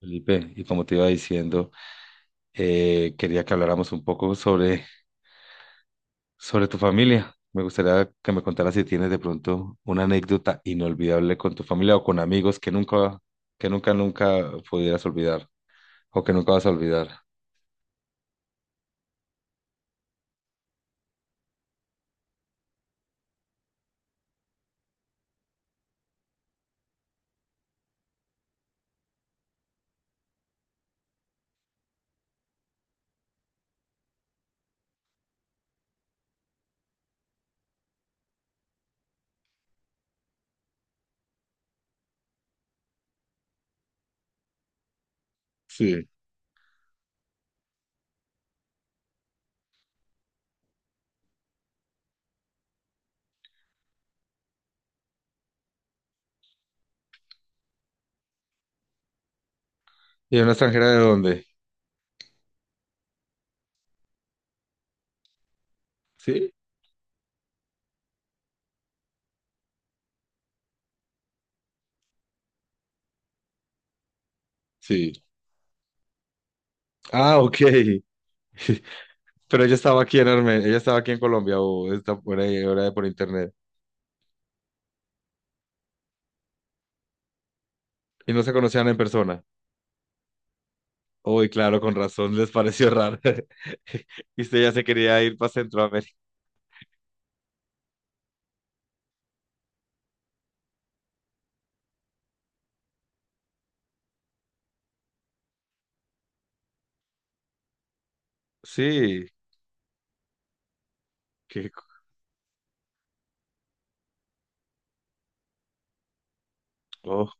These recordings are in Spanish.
Felipe, y como te iba diciendo, quería que habláramos un poco sobre tu familia. Me gustaría que me contaras si tienes de pronto una anécdota inolvidable con tu familia o con amigos que nunca pudieras olvidar o que nunca vas a olvidar. Sí. ¿Y una extranjera de dónde? ¿Sí? Sí. Ah, ok. Pero ella estaba aquí en Armenia, ella estaba aquí en Colombia o está por ahí, ahora por internet. Y no se conocían en persona. Uy, claro, con razón les pareció raro. Y usted ya se quería ir para Centroamérica. Sí, qué, oh,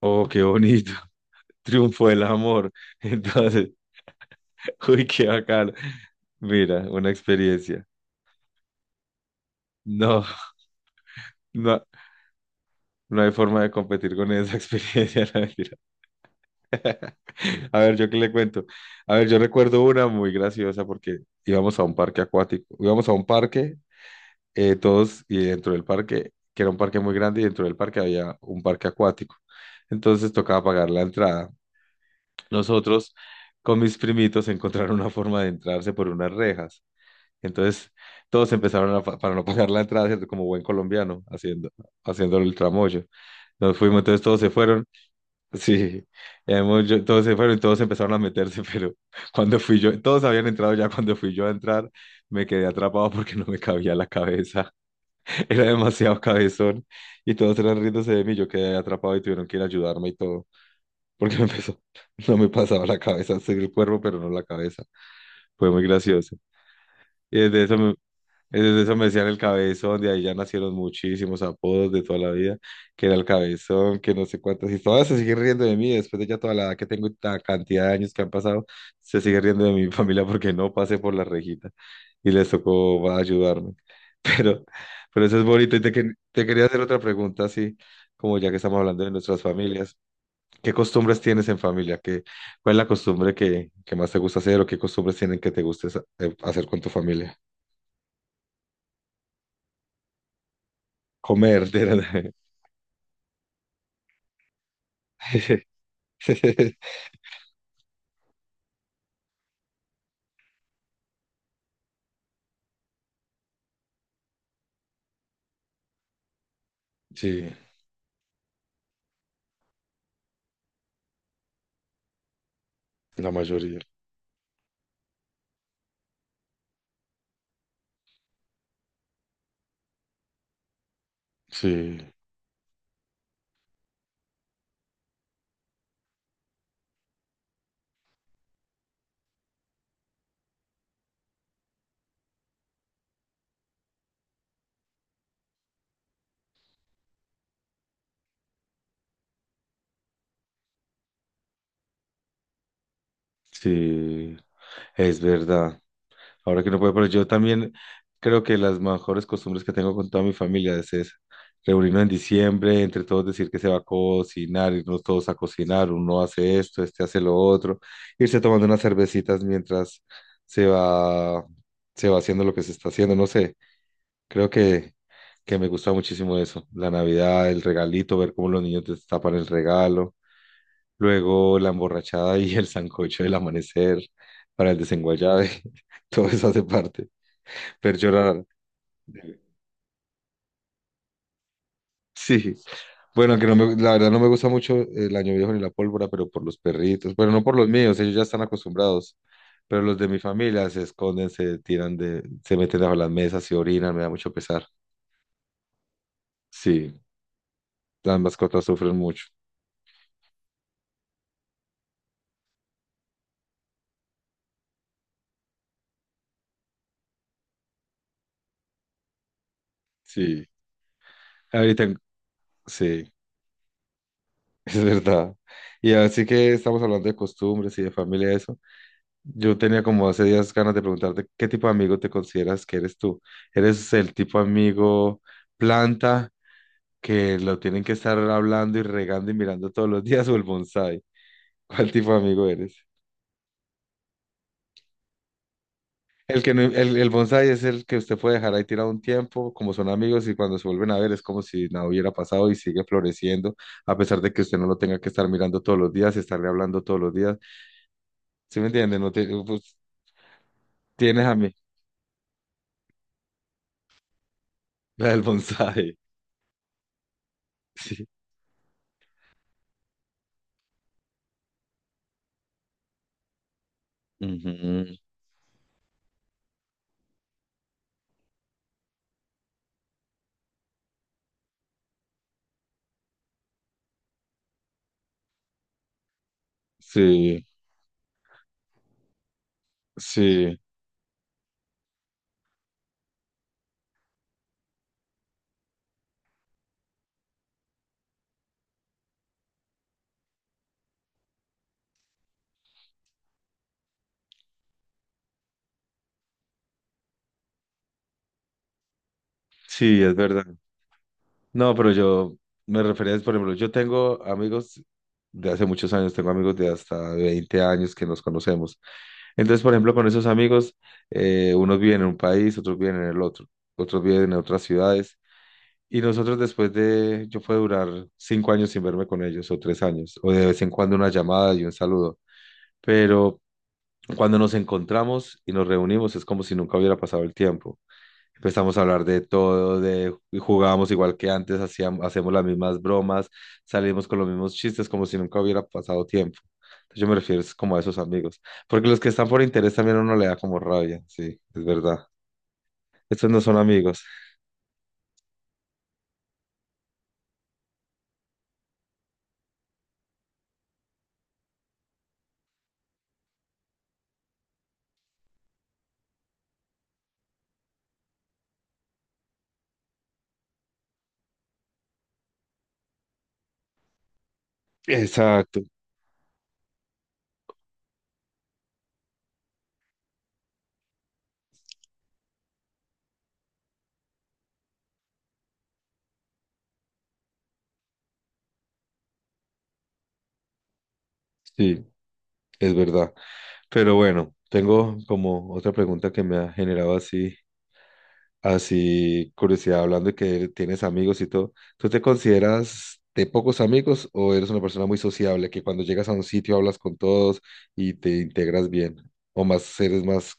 oh, qué bonito. Triunfo del amor. Entonces, uy, qué bacano. Mira, una experiencia. No, no, no hay forma de competir con esa experiencia, la mentira. A ver, yo qué le cuento. A ver, yo recuerdo una muy graciosa porque íbamos a un parque acuático. Íbamos a un parque, todos, y dentro del parque, que era un parque muy grande, y dentro del parque había un parque acuático. Entonces tocaba pagar la entrada. Nosotros con mis primitos encontraron una forma de entrarse por unas rejas. Entonces todos empezaron para no pagar la entrada, ¿cierto? Como buen colombiano, haciendo el tramoyo. Nos fuimos, entonces todos se fueron. Sí, todos se fueron y todos empezaron a meterse, pero cuando fui yo, todos habían entrado ya, cuando fui yo a entrar, me quedé atrapado porque no me cabía la cabeza. Era demasiado cabezón y todos eran riéndose de mí. Yo quedé atrapado y tuvieron que ir a ayudarme y todo, porque no me pasaba la cabeza, sí el cuerpo, pero no la cabeza. Fue muy gracioso. Y desde eso me decían el cabezón, de ahí ya nacieron muchísimos apodos de toda la vida, que era el cabezón, que no sé cuántas, y todas se siguen riendo de mí después de ya toda la edad que tengo y la cantidad de años que han pasado, se sigue riendo de mi familia porque no pasé por la rejita y les tocó ayudarme. Pero, pero eso es bonito. Y te quería hacer otra pregunta, así, como ya que estamos hablando de nuestras familias. ¿Qué costumbres tienes en familia? ¿Cuál es la costumbre que más te gusta hacer, o qué costumbres tienen que te guste hacer con tu familia? Comer, de verdad. Sí, la mayoría. Sí, sí, es verdad. Ahora que no puedo, pero yo también creo que las mejores costumbres que tengo con toda mi familia es esa. Reunirnos en diciembre, entre todos decir que se va a cocinar, irnos todos a cocinar, uno hace esto, este hace lo otro, irse tomando unas cervecitas mientras se va, se va haciendo lo que se está haciendo, no sé. Creo que me gusta muchísimo eso. La Navidad, el regalito, ver cómo los niños destapan el regalo, luego la emborrachada y el sancocho del amanecer para el desenguayabe, todo eso hace parte. Ver llorar. Sí. Bueno, que no me, la verdad, no me gusta mucho el año viejo ni la pólvora, pero por los perritos. Bueno, no por los míos, ellos ya están acostumbrados. Pero los de mi familia se esconden, se meten bajo las mesas y orinan, me da mucho pesar. Sí, las mascotas sufren mucho. Sí. Ahorita, sí, es verdad. Y así que estamos hablando de costumbres y de familia, eso. Yo tenía como hace días ganas de preguntarte qué tipo de amigo te consideras que eres tú. ¿Eres el tipo amigo planta, que lo tienen que estar hablando y regando y mirando todos los días, o el bonsai? ¿Cuál tipo de amigo eres? El que no- el bonsai es el que usted puede dejar ahí tirado un tiempo, como son amigos, y cuando se vuelven a ver es como si nada hubiera pasado y sigue floreciendo, a pesar de que usted no lo tenga que estar mirando todos los días y estarle hablando todos los días. ¿Sí me entiende? No te- pues, tienes a mí, la del bonsai. Sí. Ujú. Sí, sí, sí, es verdad. No, pero yo me refería, por ejemplo, yo tengo amigos de hace muchos años, tengo amigos de hasta 20 años que nos conocemos. Entonces, por ejemplo, con esos amigos, unos viven en un país, otros viven en el otro, otros viven en otras ciudades. Y nosotros, yo puedo durar 5 años sin verme con ellos, o 3 años, o de vez en cuando una llamada y un saludo. Pero cuando nos encontramos y nos reunimos es como si nunca hubiera pasado el tiempo. Empezamos a hablar de todo, de jugábamos igual que antes, hacíamos, hacemos las mismas bromas, salimos con los mismos chistes como si nunca hubiera pasado tiempo. Entonces yo me refiero es como a esos amigos, porque los que están por interés también a uno le da como rabia, sí, es verdad. Estos no son amigos. Exacto, sí, es verdad. Pero bueno, tengo como otra pregunta que me ha generado así, curiosidad, hablando de que tienes amigos y todo. ¿Tú te consideras de pocos amigos, o eres una persona muy sociable que cuando llegas a un sitio hablas con todos y te integras bien? ¿O más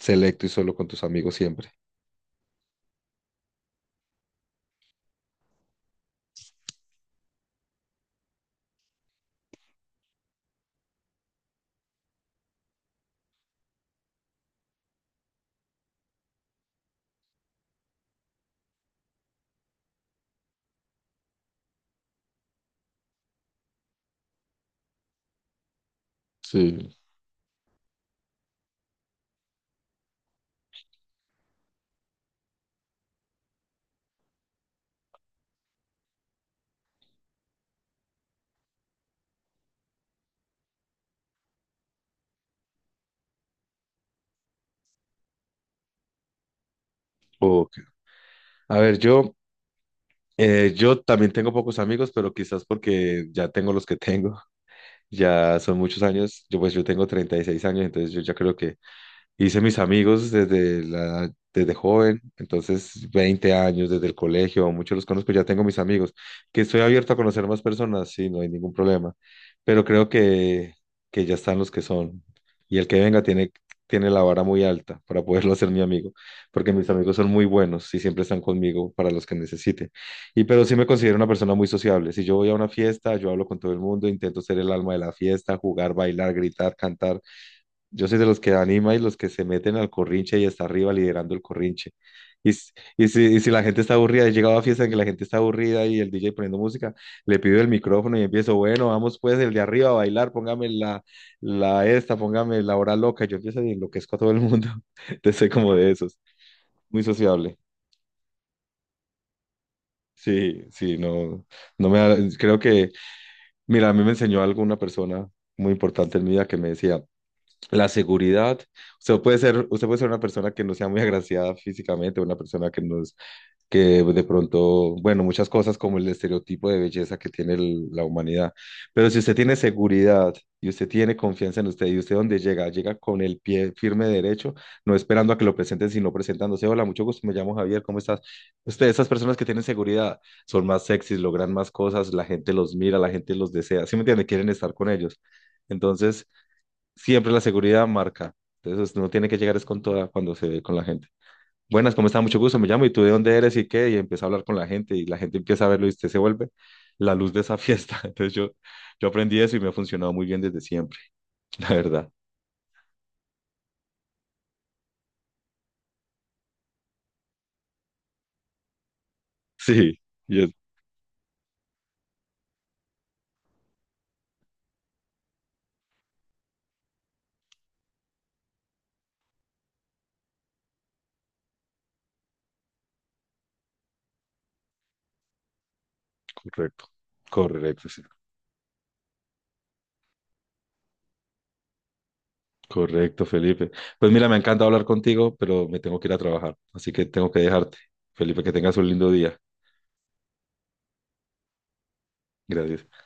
selecto y solo con tus amigos siempre? Sí. Ok. A ver, yo también tengo pocos amigos, pero quizás porque ya tengo los que tengo, ya son muchos años, yo tengo 36 años, entonces yo ya creo que hice mis amigos desde joven, entonces 20 años, desde el colegio, muchos los conozco, ya tengo mis amigos, que estoy abierto a conocer más personas, sí, no hay ningún problema, pero creo que ya están los que son, y el que venga tiene la vara muy alta para poderlo hacer mi amigo, porque mis amigos son muy buenos y siempre están conmigo para los que necesite, pero sí me considero una persona muy sociable. Si yo voy a una fiesta, yo hablo con todo el mundo, intento ser el alma de la fiesta, jugar, bailar, gritar, cantar, yo soy de los que anima y los que se meten al corrinche y está arriba liderando el corrinche. Y, s- y si la gente está aburrida, he llegado a fiestas en que la gente está aburrida y el DJ poniendo música, le pido el micrófono y empiezo, bueno, vamos pues el de arriba a bailar, póngame la hora loca. Yo empiezo y enloquezco a todo el mundo. Entonces soy como de esos, muy sociable. Sí, sí, no, no me da- creo que, mira, a mí me enseñó algo una persona muy importante en mi vida que me decía, la seguridad. Usted puede ser una persona que no sea muy agraciada físicamente, una persona que no es, que de pronto, bueno, muchas cosas como el estereotipo de belleza que tiene la humanidad. Pero si usted tiene seguridad y usted tiene confianza en usted, y usted donde llega, llega con el pie firme derecho, no esperando a que lo presenten, sino presentándose. Hola, mucho gusto, me llamo Javier, ¿cómo estás? Usted, esas personas que tienen seguridad son más sexys, logran más cosas, la gente los mira, la gente los desea. ¿Sí me entiende? Quieren estar con ellos. Entonces, siempre la seguridad marca. Entonces no tiene que llegar es con toda cuando se ve con la gente. Buenas, ¿cómo está? Mucho gusto, me llamo, y tú de dónde eres, y qué, y empieza a hablar con la gente y la gente empieza a verlo y usted se vuelve la luz de esa fiesta. Entonces yo aprendí eso y me ha funcionado muy bien desde siempre, la verdad. Sí, y es correcto, correcto, sí. Correcto, Felipe. Pues mira, me encanta hablar contigo, pero me tengo que ir a trabajar, así que tengo que dejarte. Felipe, que tengas un lindo día. Gracias.